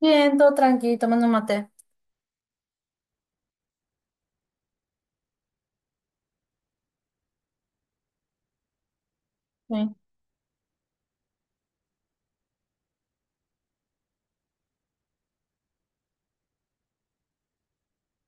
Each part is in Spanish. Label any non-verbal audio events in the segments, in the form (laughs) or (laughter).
Bien, todo tranquilo, tomando un mate. Sí.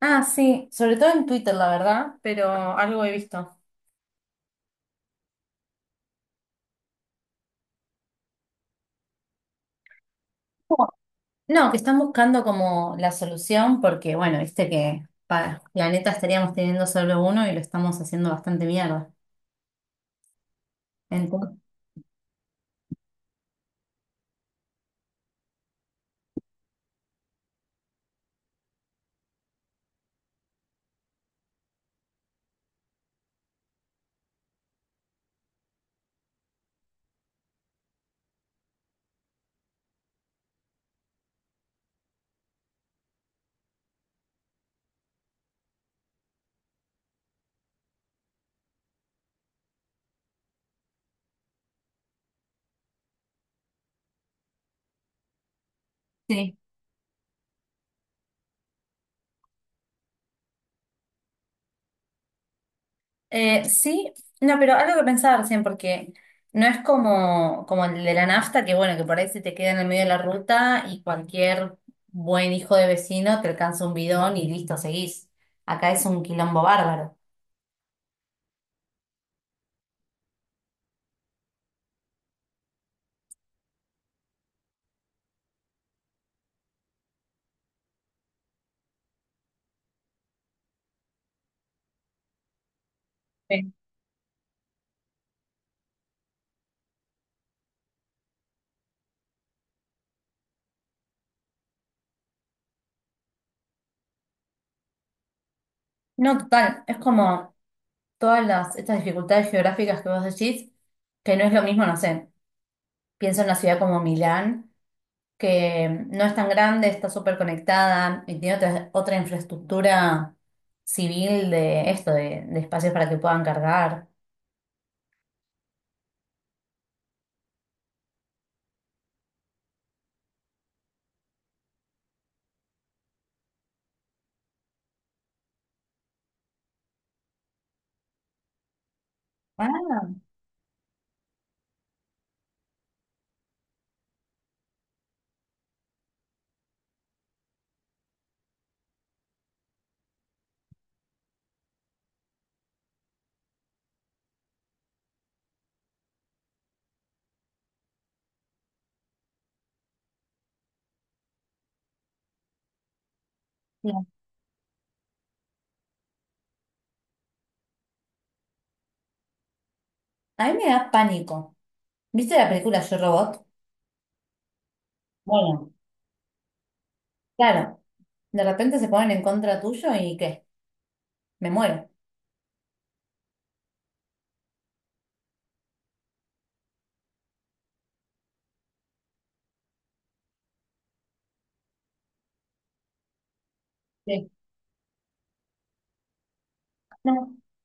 Sí, sobre todo en Twitter, la verdad, pero algo he visto. No, que están buscando como la solución porque, bueno, viste que para planeta estaríamos teniendo solo uno y lo estamos haciendo bastante mierda. Entonces, sí. Eh, sí, no, pero algo que pensaba recién porque no es como, como el de la nafta, que bueno, que por ahí se te queda en el medio de la ruta y cualquier buen hijo de vecino te alcanza un bidón y listo, seguís. Acá es un quilombo bárbaro. Sí. No, total, es como todas las, estas dificultades geográficas que vos decís, que no es lo mismo, no sé, pienso en una ciudad como Milán, que no es tan grande, está súper conectada y tiene otra, otra infraestructura civil de esto, de espacios para que puedan cargar. Ah, no. A mí me da pánico. ¿Viste la película Yo Robot? Bueno, claro, de repente se ponen en contra tuyo y ¿qué? Me muero. Sí. No,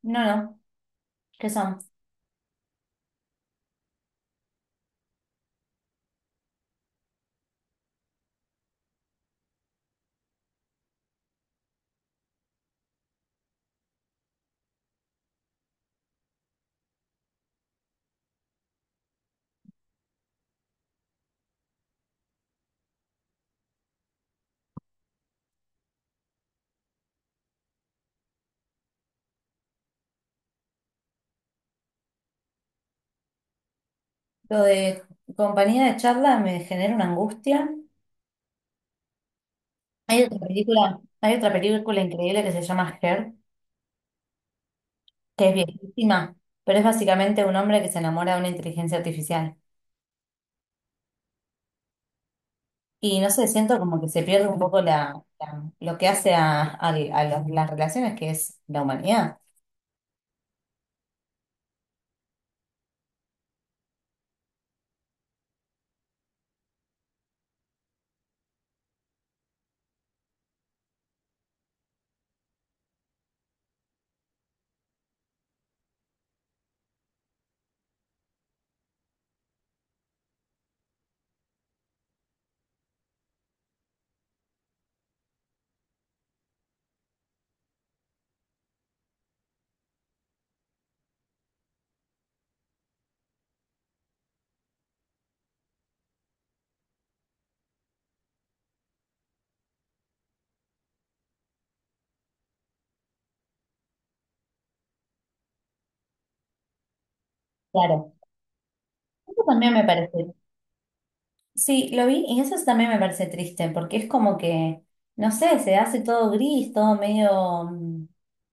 no, no, ¿qué son? Lo de compañía de charla me genera una angustia. Hay otra película increíble que se llama Her, que es viejísima, pero es básicamente un hombre que se enamora de una inteligencia artificial. Y no sé, siento como que se pierde un poco la, la- lo que hace a, al- a los- las relaciones, que es la humanidad. Claro, eso también me parece. Sí, lo vi y eso también me parece triste, porque es como que, no sé, se hace todo gris, todo medio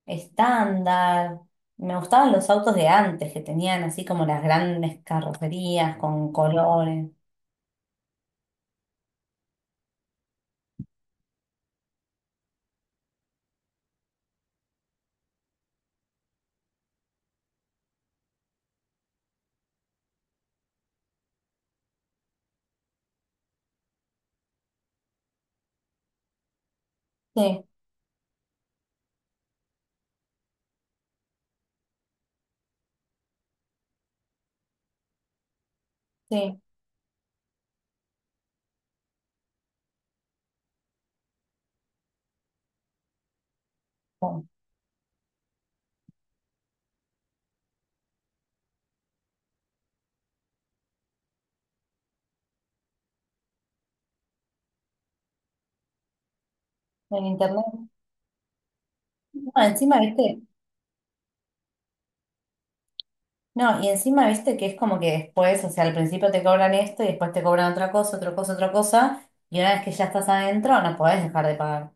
estándar. Me gustaban los autos de antes, que tenían así como las grandes carrocerías con colores. Sí, sí, con- en internet. No, encima, viste, no, y encima, viste que es como que después, o sea, al principio te cobran esto y después te cobran otra cosa, otra cosa, otra cosa, y una vez que ya estás adentro, no podés dejar de pagar.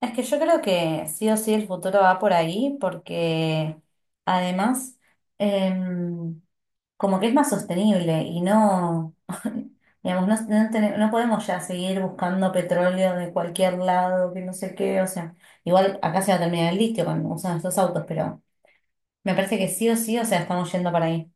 Es que yo creo que sí o sí el futuro va por ahí porque además em, como que es más sostenible y no, (laughs) digamos, no, no podemos ya seguir buscando petróleo de cualquier lado, que no sé qué, o sea, igual acá se va a terminar el litio cuando usan estos autos, pero me parece que sí o sí, o sea, estamos yendo para ahí.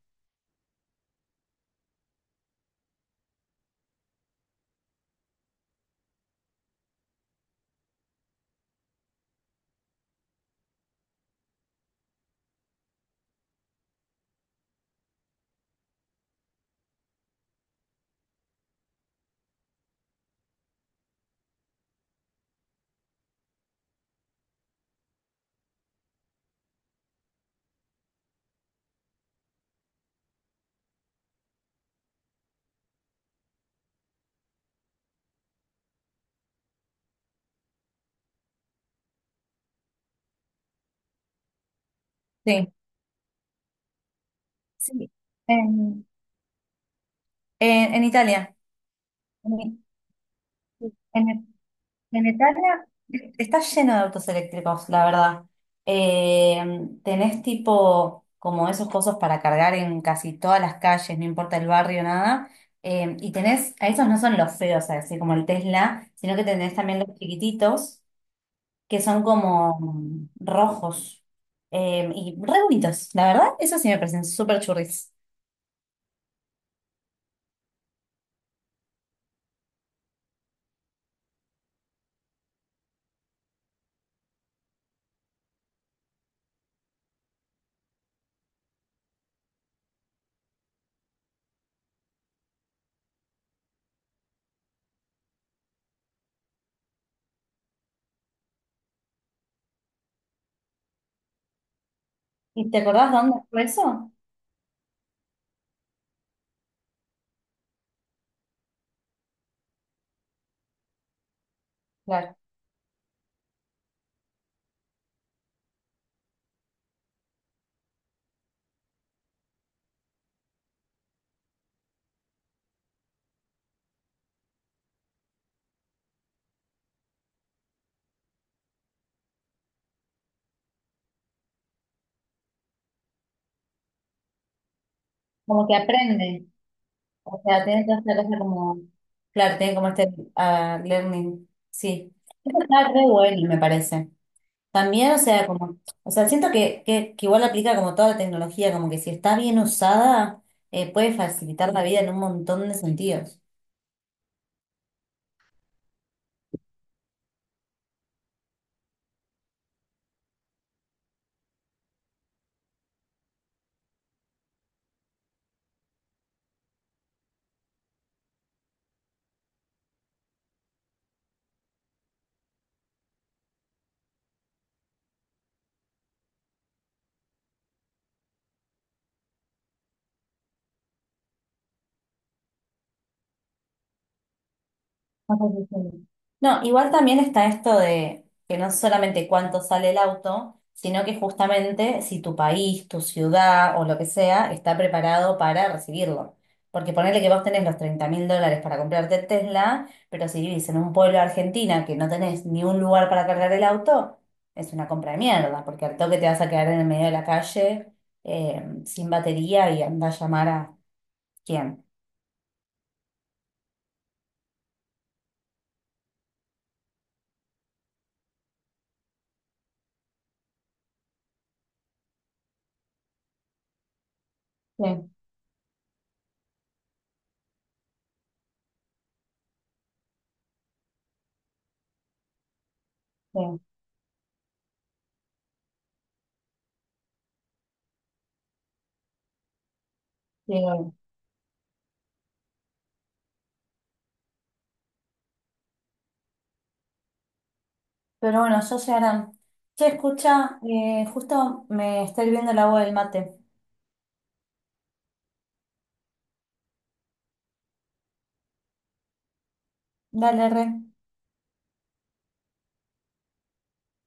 Sí, sí. En, en Italia, en, en Venetania está lleno de autos eléctricos, la verdad. Eh, tenés tipo como esos cosos para cargar en casi todas las calles, no importa el barrio, nada. Y tenés, a esos no son los feos, así como el Tesla, sino que tenés también los chiquititos, que son como rojos y re bonitos. La verdad, eso sí me parecen súper churris. ¿Y te acordás dónde fue eso? Claro, como que aprende. O sea, tiene que hacer cosa como, claro, tiene como este ah, learning, sí. Eso está re bueno, me parece. También, o sea, como, o sea, siento que igual aplica como toda la tecnología, como que si está bien usada, puede facilitar la vida en un montón de sentidos. No, pues, sí, sí. No, igual también está esto de que no solamente cuánto sale el auto, sino que justamente si tu país, tu ciudad o lo que sea está preparado para recibirlo. Porque ponerle que vos tenés los 30.000 dólares para comprarte el Tesla, pero si vivís en un pueblo de Argentina que no tenés ni un lugar para cargar el auto, es una compra de mierda, porque al toque te vas a quedar en el medio de la calle sin batería y anda a llamar a quién. Sí, sí, sí. Pero bueno, yo se harán. Che, escucha, justo me está hirviendo el agua del mate. Dale, re.